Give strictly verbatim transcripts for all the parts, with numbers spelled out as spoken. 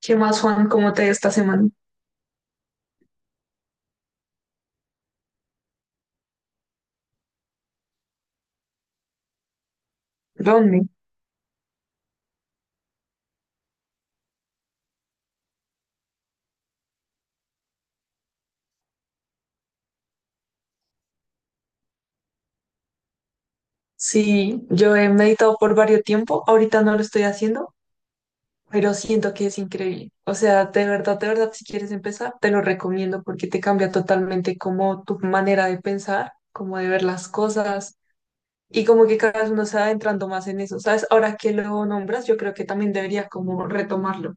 ¿Qué más, Juan? ¿Cómo te ha ido esta semana? ¿Dónde? Sí, yo he meditado por varios tiempo, ahorita no lo estoy haciendo, pero siento que es increíble. O sea, de verdad, de verdad, si quieres empezar, te lo recomiendo porque te cambia totalmente como tu manera de pensar, como de ver las cosas y como que cada vez uno se va adentrando más en eso. ¿Sabes? Ahora que lo nombras, yo creo que también deberías como retomarlo.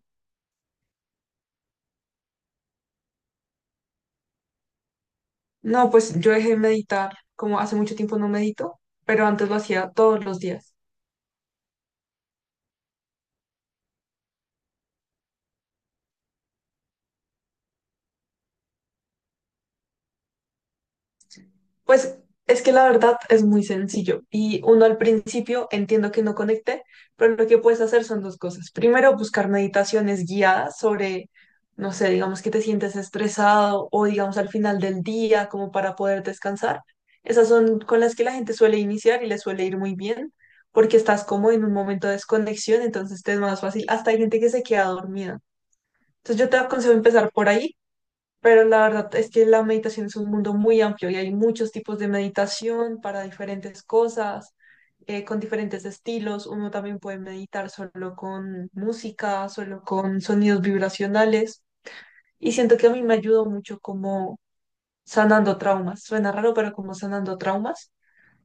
No, pues yo dejé de meditar, como hace mucho tiempo no medito, pero antes lo hacía todos los días. Pues es que la verdad es muy sencillo y uno al principio entiendo que no conecte, pero lo que puedes hacer son dos cosas. Primero, buscar meditaciones guiadas sobre, no sé, digamos que te sientes estresado o digamos al final del día como para poder descansar. Esas son con las que la gente suele iniciar y les suele ir muy bien porque estás como en un momento de desconexión, entonces te es más fácil. Hasta hay gente que se queda dormida. Entonces yo te aconsejo empezar por ahí, pero la verdad es que la meditación es un mundo muy amplio y hay muchos tipos de meditación para diferentes cosas, eh, con diferentes estilos. Uno también puede meditar solo con música, solo con sonidos vibracionales. Y siento que a mí me ayudó mucho como sanando traumas. Suena raro, pero como sanando traumas.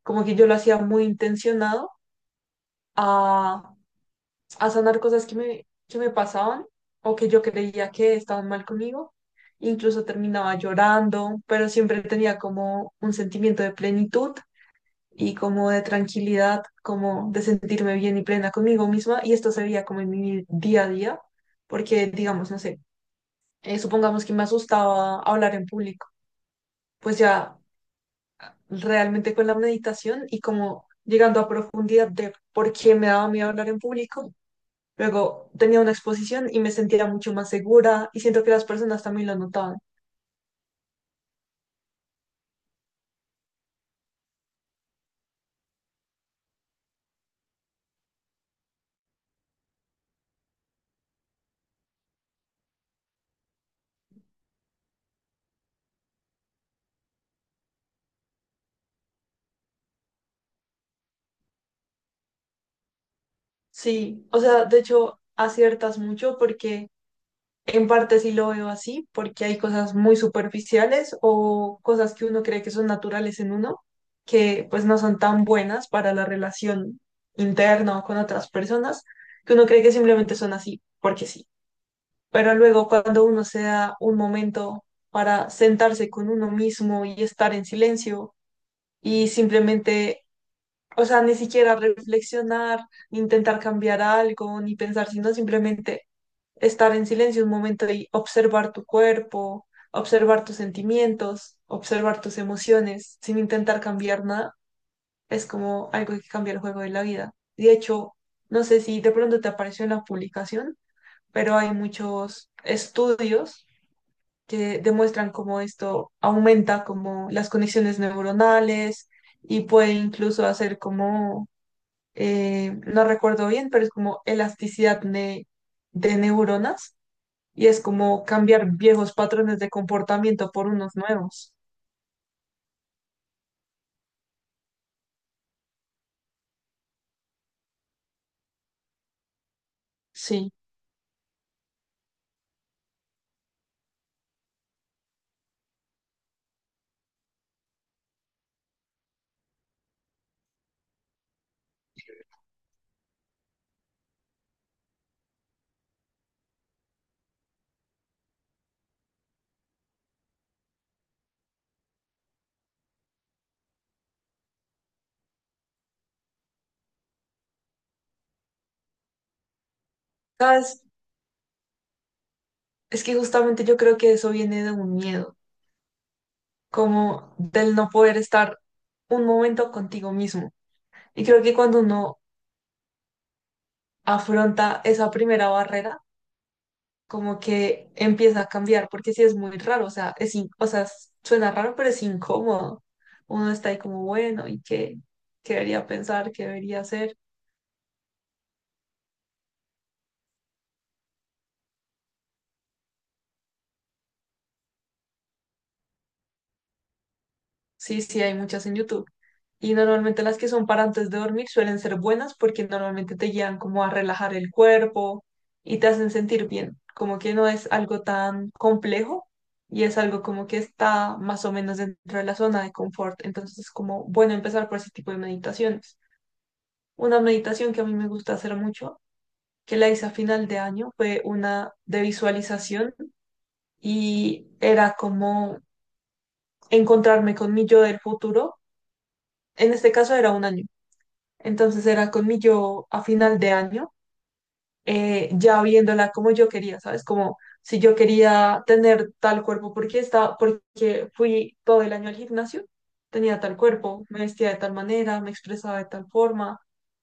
Como que yo lo hacía muy intencionado a a sanar cosas que me, que me pasaban o que yo creía que estaban mal conmigo. Incluso terminaba llorando, pero siempre tenía como un sentimiento de plenitud y como de tranquilidad, como de sentirme bien y plena conmigo misma. Y esto se veía como en mi día a día, porque digamos, no sé, eh, supongamos que me asustaba hablar en público, pues ya realmente con la meditación y como llegando a profundidad de por qué me daba miedo hablar en público, luego tenía una exposición y me sentía mucho más segura y siento que las personas también lo notaban. Sí, o sea, de hecho aciertas mucho porque en parte sí lo veo así, porque hay cosas muy superficiales o cosas que uno cree que son naturales en uno, que pues no son tan buenas para la relación interna o con otras personas, que uno cree que simplemente son así, porque sí. Pero luego cuando uno se da un momento para sentarse con uno mismo y estar en silencio, y simplemente, o sea, ni siquiera reflexionar, ni intentar cambiar algo, ni pensar, sino simplemente estar en silencio un momento y observar tu cuerpo, observar tus sentimientos, observar tus emociones, sin intentar cambiar nada, es como algo que cambia el juego de la vida. De hecho, no sé si de pronto te apareció en la publicación, pero hay muchos estudios que demuestran cómo esto aumenta como las conexiones neuronales y puede incluso hacer como, eh, no recuerdo bien, pero es como elasticidad ne- de neuronas y es como cambiar viejos patrones de comportamiento por unos nuevos. Sí. ¿Sabes? Es que justamente yo creo que eso viene de un miedo, como del no poder estar un momento contigo mismo. Y creo que cuando uno afronta esa primera barrera, como que empieza a cambiar, porque sí es muy raro, o sea, es in- o sea, s- suena raro, pero es incómodo. Uno está ahí como, bueno, ¿y qué, ¿qué debería pensar? ¿Qué debería hacer? Sí, sí, hay muchas en YouTube. Y normalmente las que son para antes de dormir suelen ser buenas porque normalmente te guían como a relajar el cuerpo y te hacen sentir bien, como que no es algo tan complejo y es algo como que está más o menos dentro de la zona de confort. Entonces es como bueno empezar por ese tipo de meditaciones. Una meditación que a mí me gusta hacer mucho, que la hice a final de año, fue una de visualización y era como encontrarme con mi yo del futuro. En este caso era un año. Entonces era con mi yo a final de año, eh, ya viéndola como yo quería, ¿sabes? Como si yo quería tener tal cuerpo, porque estaba, porque fui todo el año al gimnasio, tenía tal cuerpo, me vestía de tal manera, me expresaba de tal forma,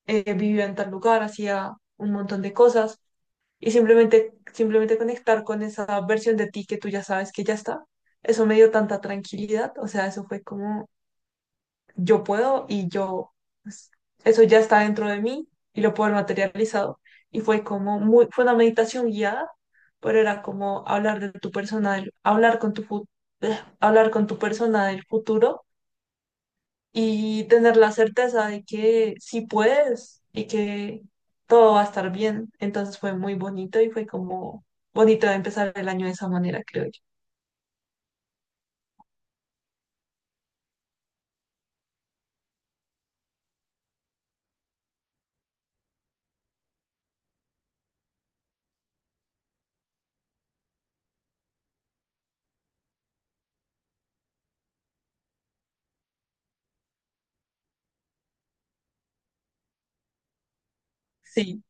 eh, vivía en tal lugar, hacía un montón de cosas y simplemente, simplemente conectar con esa versión de ti que tú ya sabes que ya está, eso me dio tanta tranquilidad, o sea, eso fue como yo puedo y yo, pues, eso ya está dentro de mí y lo puedo haber materializado. Y fue como muy, fue una meditación guiada, pero era como hablar de tu persona, del- hablar con tu, fu- hablar con tu persona del futuro y tener la certeza de que sí puedes y que todo va a estar bien. Entonces fue muy bonito y fue como bonito empezar el año de esa manera, creo yo. Sí,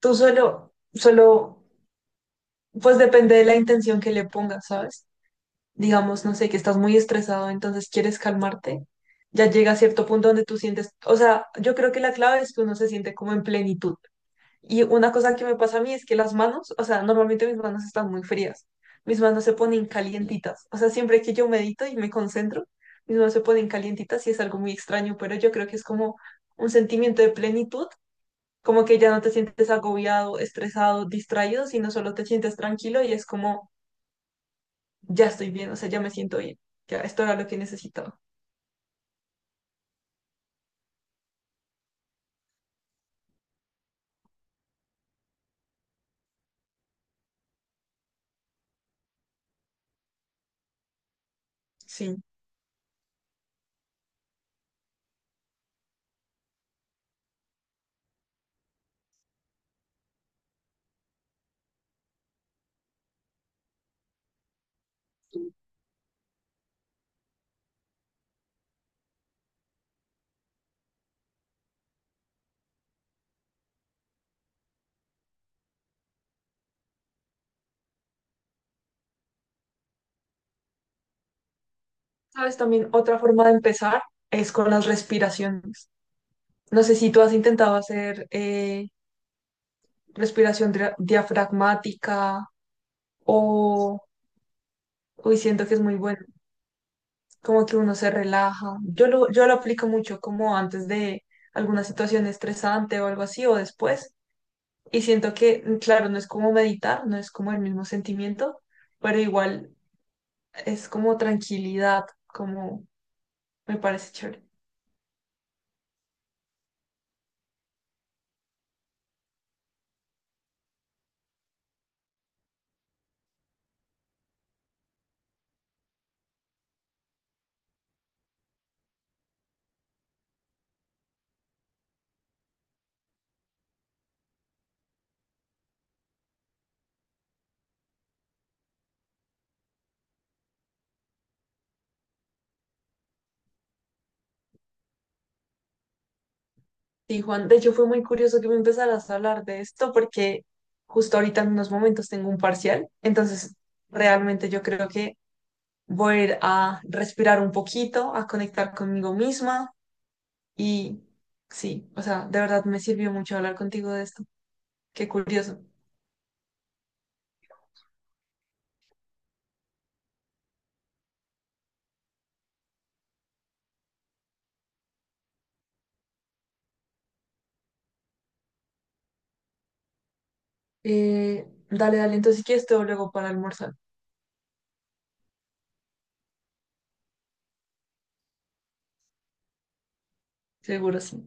tú solo, solo, pues depende de la intención que le pongas, ¿sabes? Digamos, no sé, que estás muy estresado, entonces quieres calmarte. Ya llega a cierto punto donde tú sientes, o sea, yo creo que la clave es que uno se siente como en plenitud. Y una cosa que me pasa a mí es que las manos, o sea, normalmente mis manos están muy frías. Mis manos se ponen calientitas. O sea, siempre que yo medito y me concentro, mis manos se ponen calientitas y es algo muy extraño, pero yo creo que es como un sentimiento de plenitud, como que ya no te sientes agobiado, estresado, distraído, sino solo te sientes tranquilo y es como, ya estoy bien, o sea, ya me siento bien. Ya, esto era lo que necesitaba. Sí. ¿Sabes? También otra forma de empezar es con las respiraciones. No sé si tú has intentado hacer... eh, respiración dra- diafragmática o, uy, siento que es muy bueno, como que uno se relaja. Yo lo, yo lo aplico mucho como antes de alguna situación estresante o algo así o después. Y siento que, mm, claro, no es como meditar, no es como el mismo sentimiento, pero igual es como tranquilidad, como me parece chévere. Sí, Juan, de hecho fue muy curioso que me empezaras a hablar de esto porque justo ahorita en unos momentos tengo un parcial, entonces realmente yo creo que voy a ir a respirar un poquito, a conectar conmigo misma y sí, o sea, de verdad me sirvió mucho hablar contigo de esto. Qué curioso. Eh, dale, dale, entonces si quieres te veo luego para almorzar. Seguro sí.